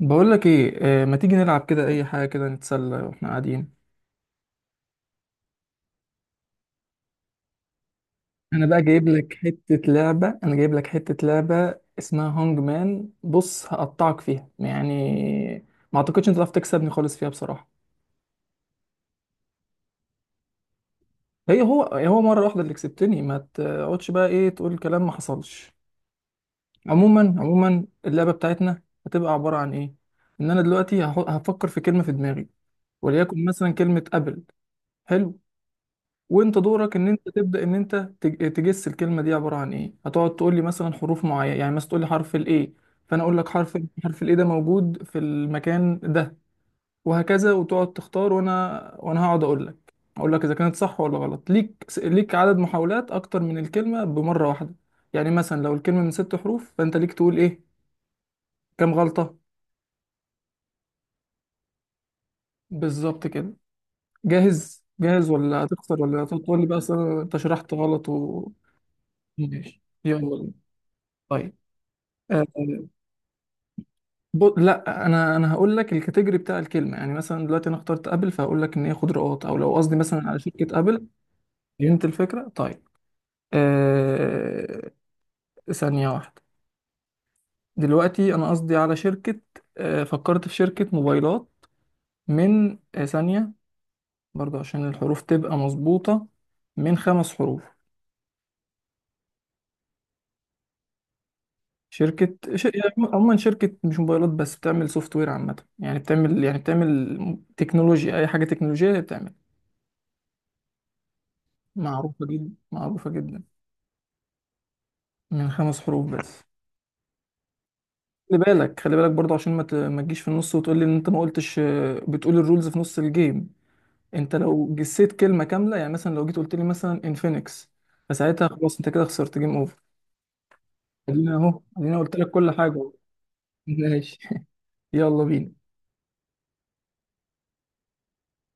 بقول لك ايه، ما تيجي نلعب كده، اي حاجه كده نتسلى واحنا قاعدين. انا جايب لك حته لعبه اسمها هونج مان، بص هقطعك فيها يعني، ما اعتقدش انت تعرف تكسبني خالص فيها بصراحه. هي هو هو مره واحده اللي كسبتني، ما تقعدش بقى ايه تقول كلام ما حصلش. عموما اللعبه بتاعتنا هتبقى عباره عن ايه. ان انا دلوقتي هفكر في كلمه في دماغي، وليكن مثلا كلمه ابل. حلو. وانت دورك ان انت تبدا ان انت تج- تجس الكلمه دي عباره عن ايه. هتقعد تقول لي مثلا حروف معينه، يعني مثلا تقول لي حرف الايه، فانا اقول لك حرف الايه ده موجود في المكان ده، وهكذا وتقعد تختار. وانا هقعد اقول لك اذا كانت صح ولا غلط. ليك عدد محاولات اكتر من الكلمه بمره واحده. يعني مثلا لو الكلمه من ست حروف، فانت ليك تقول ايه؟ كام غلطه. بالظبط كده. جاهز؟ جاهز ولا هتخسر ولا هتقول لي بقى انت شرحت غلط و... ماشي يلا بينا. طيب، آه، لا انا هقول لك الكاتيجوري بتاع الكلمه، يعني مثلا دلوقتي انا اخترت ابل، فهقول لك ان هي خضروات او لو قصدي مثلا على شركه ابل. فهمت الفكره؟ طيب. آه. ثانيه واحده. دلوقتي انا قصدي على شركه. فكرت في شركه موبايلات. من ثانيه، برضو عشان الحروف تبقى مظبوطه، من خمس حروف. يعني عموما شركه، مش موبايلات بس، بتعمل سوفت وير عامه، يعني بتعمل تكنولوجيا، اي حاجه تكنولوجيه هي بتعمل. معروفة جدا معروفة جدا. من خمس حروف بس. خلي بالك خلي بالك برضه، عشان ما تجيش في النص وتقول لي ان انت ما قلتش، بتقول الرولز في نص الجيم. انت لو جسيت كلمة كاملة، يعني مثلا لو جيت قلت لي مثلا انفينكس، فساعتها خلاص انت كده خسرت. جيم اوفر. ادينا قلت لك كل حاجة أهو. ماشي. يلا بينا.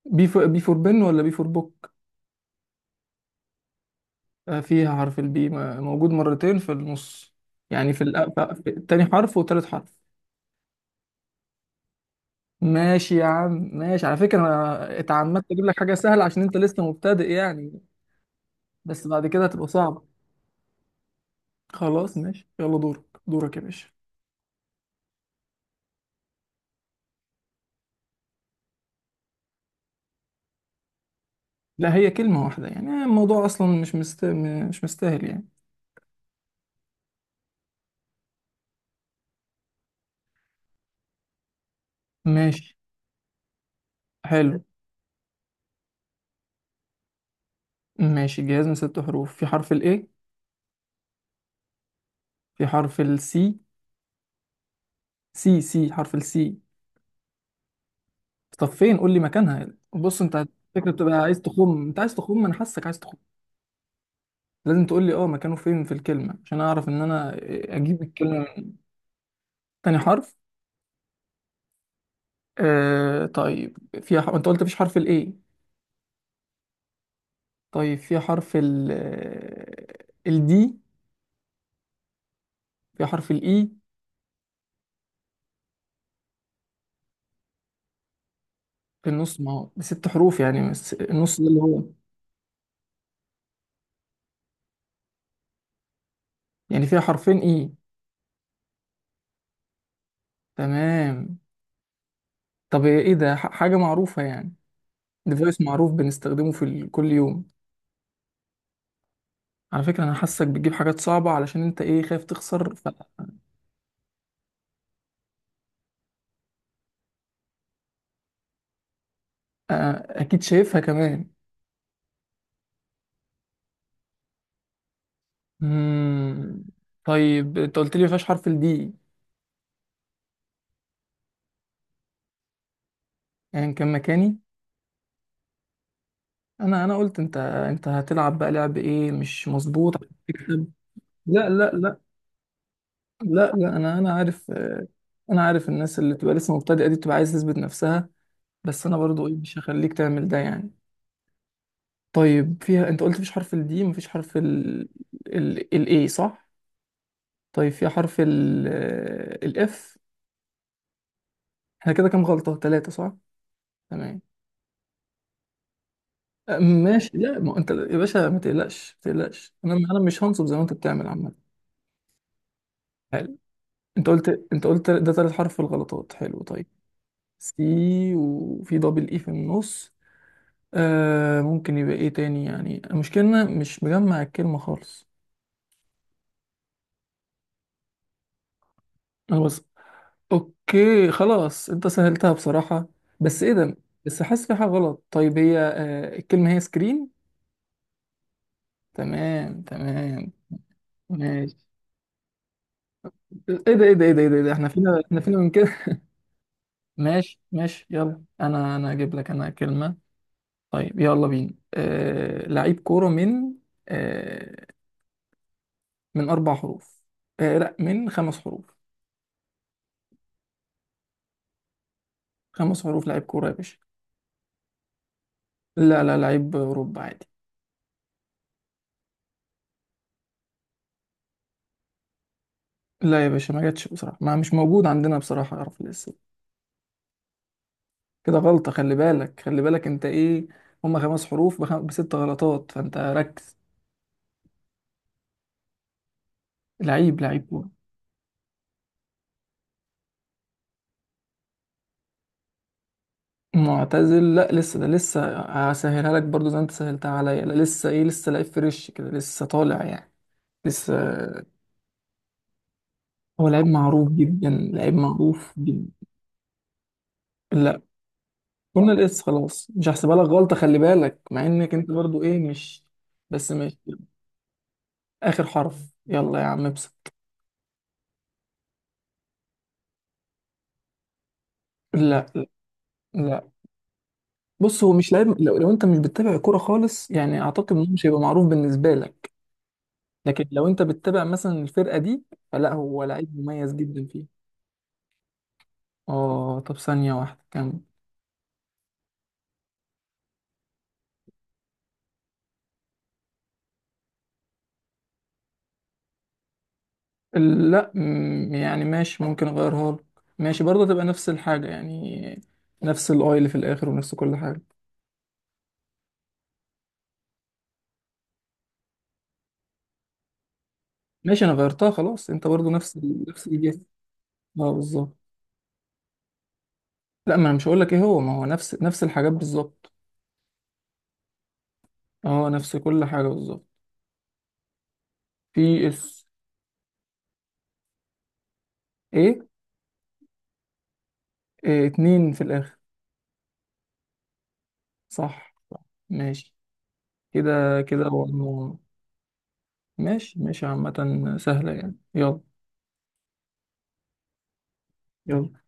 بي فور بي فور بن، ولا بي فور بوك؟ فيها حرف البي موجود مرتين في النص، يعني في التاني حرف وتالت حرف. ماشي يا عم ماشي. على فكرة أنا اتعمدت أجيب لك حاجة سهلة عشان أنت لسه مبتدئ يعني، بس بعد كده هتبقى صعبة. خلاص ماشي، يلا دورك دورك يا باشا. لا، هي كلمة واحدة يعني. الموضوع أصلا مش مش مستاهل يعني. ماشي. حلو. ماشي جهاز من ست حروف. في حرف الإيه؟ في حرف السي. سي سي حرف السي. طب فين؟ قول لي مكانها. بص أنت الفكرة بتبقى عايز تخم، أنت عايز تخم، أنا حاسك عايز تخم. لازم تقول لي مكانه فين في الكلمة عشان أعرف إن أنا أجيب الكلمة من تاني حرف. طيب، فيها انت قلت مفيش حرف الاي. طيب فيها حرف ال الدي؟ فيها حرف الاي في النص، ما هو بست حروف يعني، بس النص ده اللي هو... يعني فيها حرفين اي. تمام. طب ايه ده؟ حاجة معروفة يعني؟ ديفايس معروف بنستخدمه كل يوم. على فكرة انا حاسك بتجيب حاجات صعبة علشان انت ايه، خايف تخسر. فاكيد شايفها كمان. مم. طيب انت قلت لي مفيهاش حرف الدي. يعني كان مكاني. انا قلت انت هتلعب بقى لعب ايه مش مظبوط عشان تكسب. لا لا لا. لا لا، انا عارف. انا عارف الناس اللي بتبقى لسه مبتدئه دي، بتبقى عايز تثبت نفسها، بس انا برضو ايه، مش هخليك تعمل ده يعني. طيب فيها، انت قلت مفيش حرف الدي، مفيش حرف ال، الاي صح؟ طيب فيها حرف ال الاف؟ احنا كده كام غلطه؟ ثلاثه صح. تمام. ماشي. لا ما انت يا باشا ما تقلقش ما تقلقش، انا مش هنصب زي ما انت بتعمل عامه. حلو. انت قلت انت قلت ده ثالث حرف في الغلطات. حلو طيب. سي وفي دبل اي في النص. ممكن يبقى ايه تاني يعني. المشكلة إن أنا مش مجمع الكلمة خالص. انا بس... اوكي خلاص، انت سهلتها بصراحة. بس ايه ده؟ بس حاسس في حاجة غلط. طيب هي آه الكلمة هي سكرين. تمام تمام. ماشي. ايه ده ايه ده ايه ده ايه ده إيه ده؟ احنا فينا احنا فينا من كده. ماشي ماشي، يلا انا اجيب لك انا كلمة. طيب يلا بينا. لعيب كورة من... آه. من اربع حروف. آه لا، من خمس حروف. خمس حروف لعيب كورة يا باشا. لا لا، لعيب أوروبا عادي. لا يا باشا ما جاتش بصراحة، ما مش موجود عندنا بصراحة يعرف الاسم. كده غلطة، خلي بالك خلي بالك انت ايه، هما خمس حروف بست غلطات، فانت ركز. لعيب كورة. معتزل؟ لا لسه، ده لسه هسهلها لك برضو زي ما انت سهلتها عليا. لا لسه ايه، لسه لعيب فريش كده، لسه طالع يعني، لسه. هو لعيب معروف جدا لعيب معروف جدا. لا، قلنا الاس خلاص مش هحسبها لك غلطة، خلي بالك مع انك انت برضو ايه مش... بس ماشي. اخر حرف. يلا يا عم ابسط. لا لا لا. بص هو مش لاعب، لو انت مش بتتابع كوره خالص يعني، اعتقد انه مش هيبقى معروف بالنسبه لك. لكن لو انت بتتابع مثلا الفرقه دي، فلا هو لعيب مميز جدا فيه. اه. طب ثانيه واحده كم. لا يعني ماشي، ممكن اغيرها لك. ماشي برضه تبقى نفس الحاجه يعني، نفس الاي اللي في الاخر ونفس كل حاجه. ماشي انا غيرتها خلاص، انت برضه نفس الجهاز. اه بالظبط. لا ما انا مش هقول لك ايه هو، ما هو نفس الحاجات بالظبط. هو نفس كل حاجة بالظبط. في اس. ايه. إيه، اتنين في الآخر. صح. ماشي. كده كده هو ماشي ماشي عامة سهلة يعني، يلا. يلا.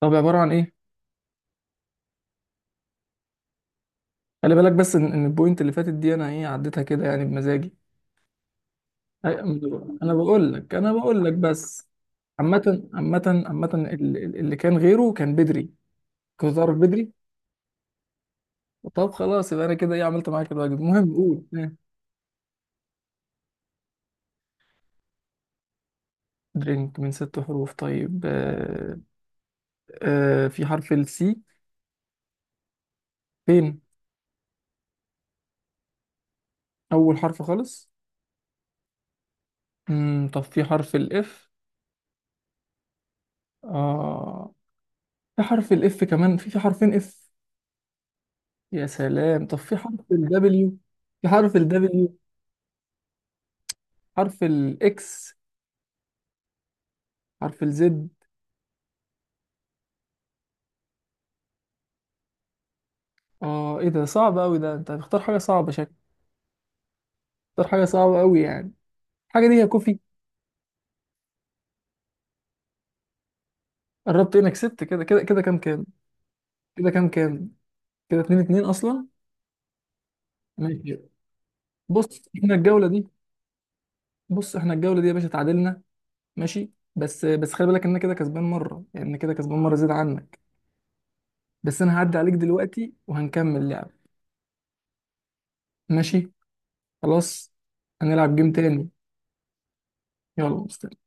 طب عبارة عن ايه؟ خلي بالك بس إن البوينت اللي فاتت دي انا ايه عديتها كده يعني بمزاجي. أي- انا بقول لك بس. عامة اللي كان غيره كان بدري، كنت تعرف بدري. طب خلاص يبقى انا كده ايه، عملت معاك الواجب. المهم قول. درينك من ست حروف طيب. في حرف السي. فين؟ أول حرف خالص. مم. طب في حرف الإف. آه. في حرف الإف كمان؟ في حرفين إف. يا سلام. طب في حرف الدبليو؟ في حرف الدبليو. حرف الإكس. حرف الزد. آه إيه ده صعب أوي ده، أنت هتختار حاجة صعبة شكل. اختار حاجة صعبة أوي يعني. الحاجة دي يا كوفي. قربت إنك كسبت كده كده كده. كام كام؟ كده كام كام. كده اتنين اتنين أصلا. ماشي. بص إحنا الجولة دي بص إحنا الجولة دي يا باشا اتعادلنا. ماشي، بس بس خلي بالك ان انا كده كسبان مره يعني، انا كده كسبان مره زياده عنك. بس انا هعدي عليك دلوقتي وهنكمل لعب. ماشي. خلاص. هنلعب جيم تاني. يلا مستني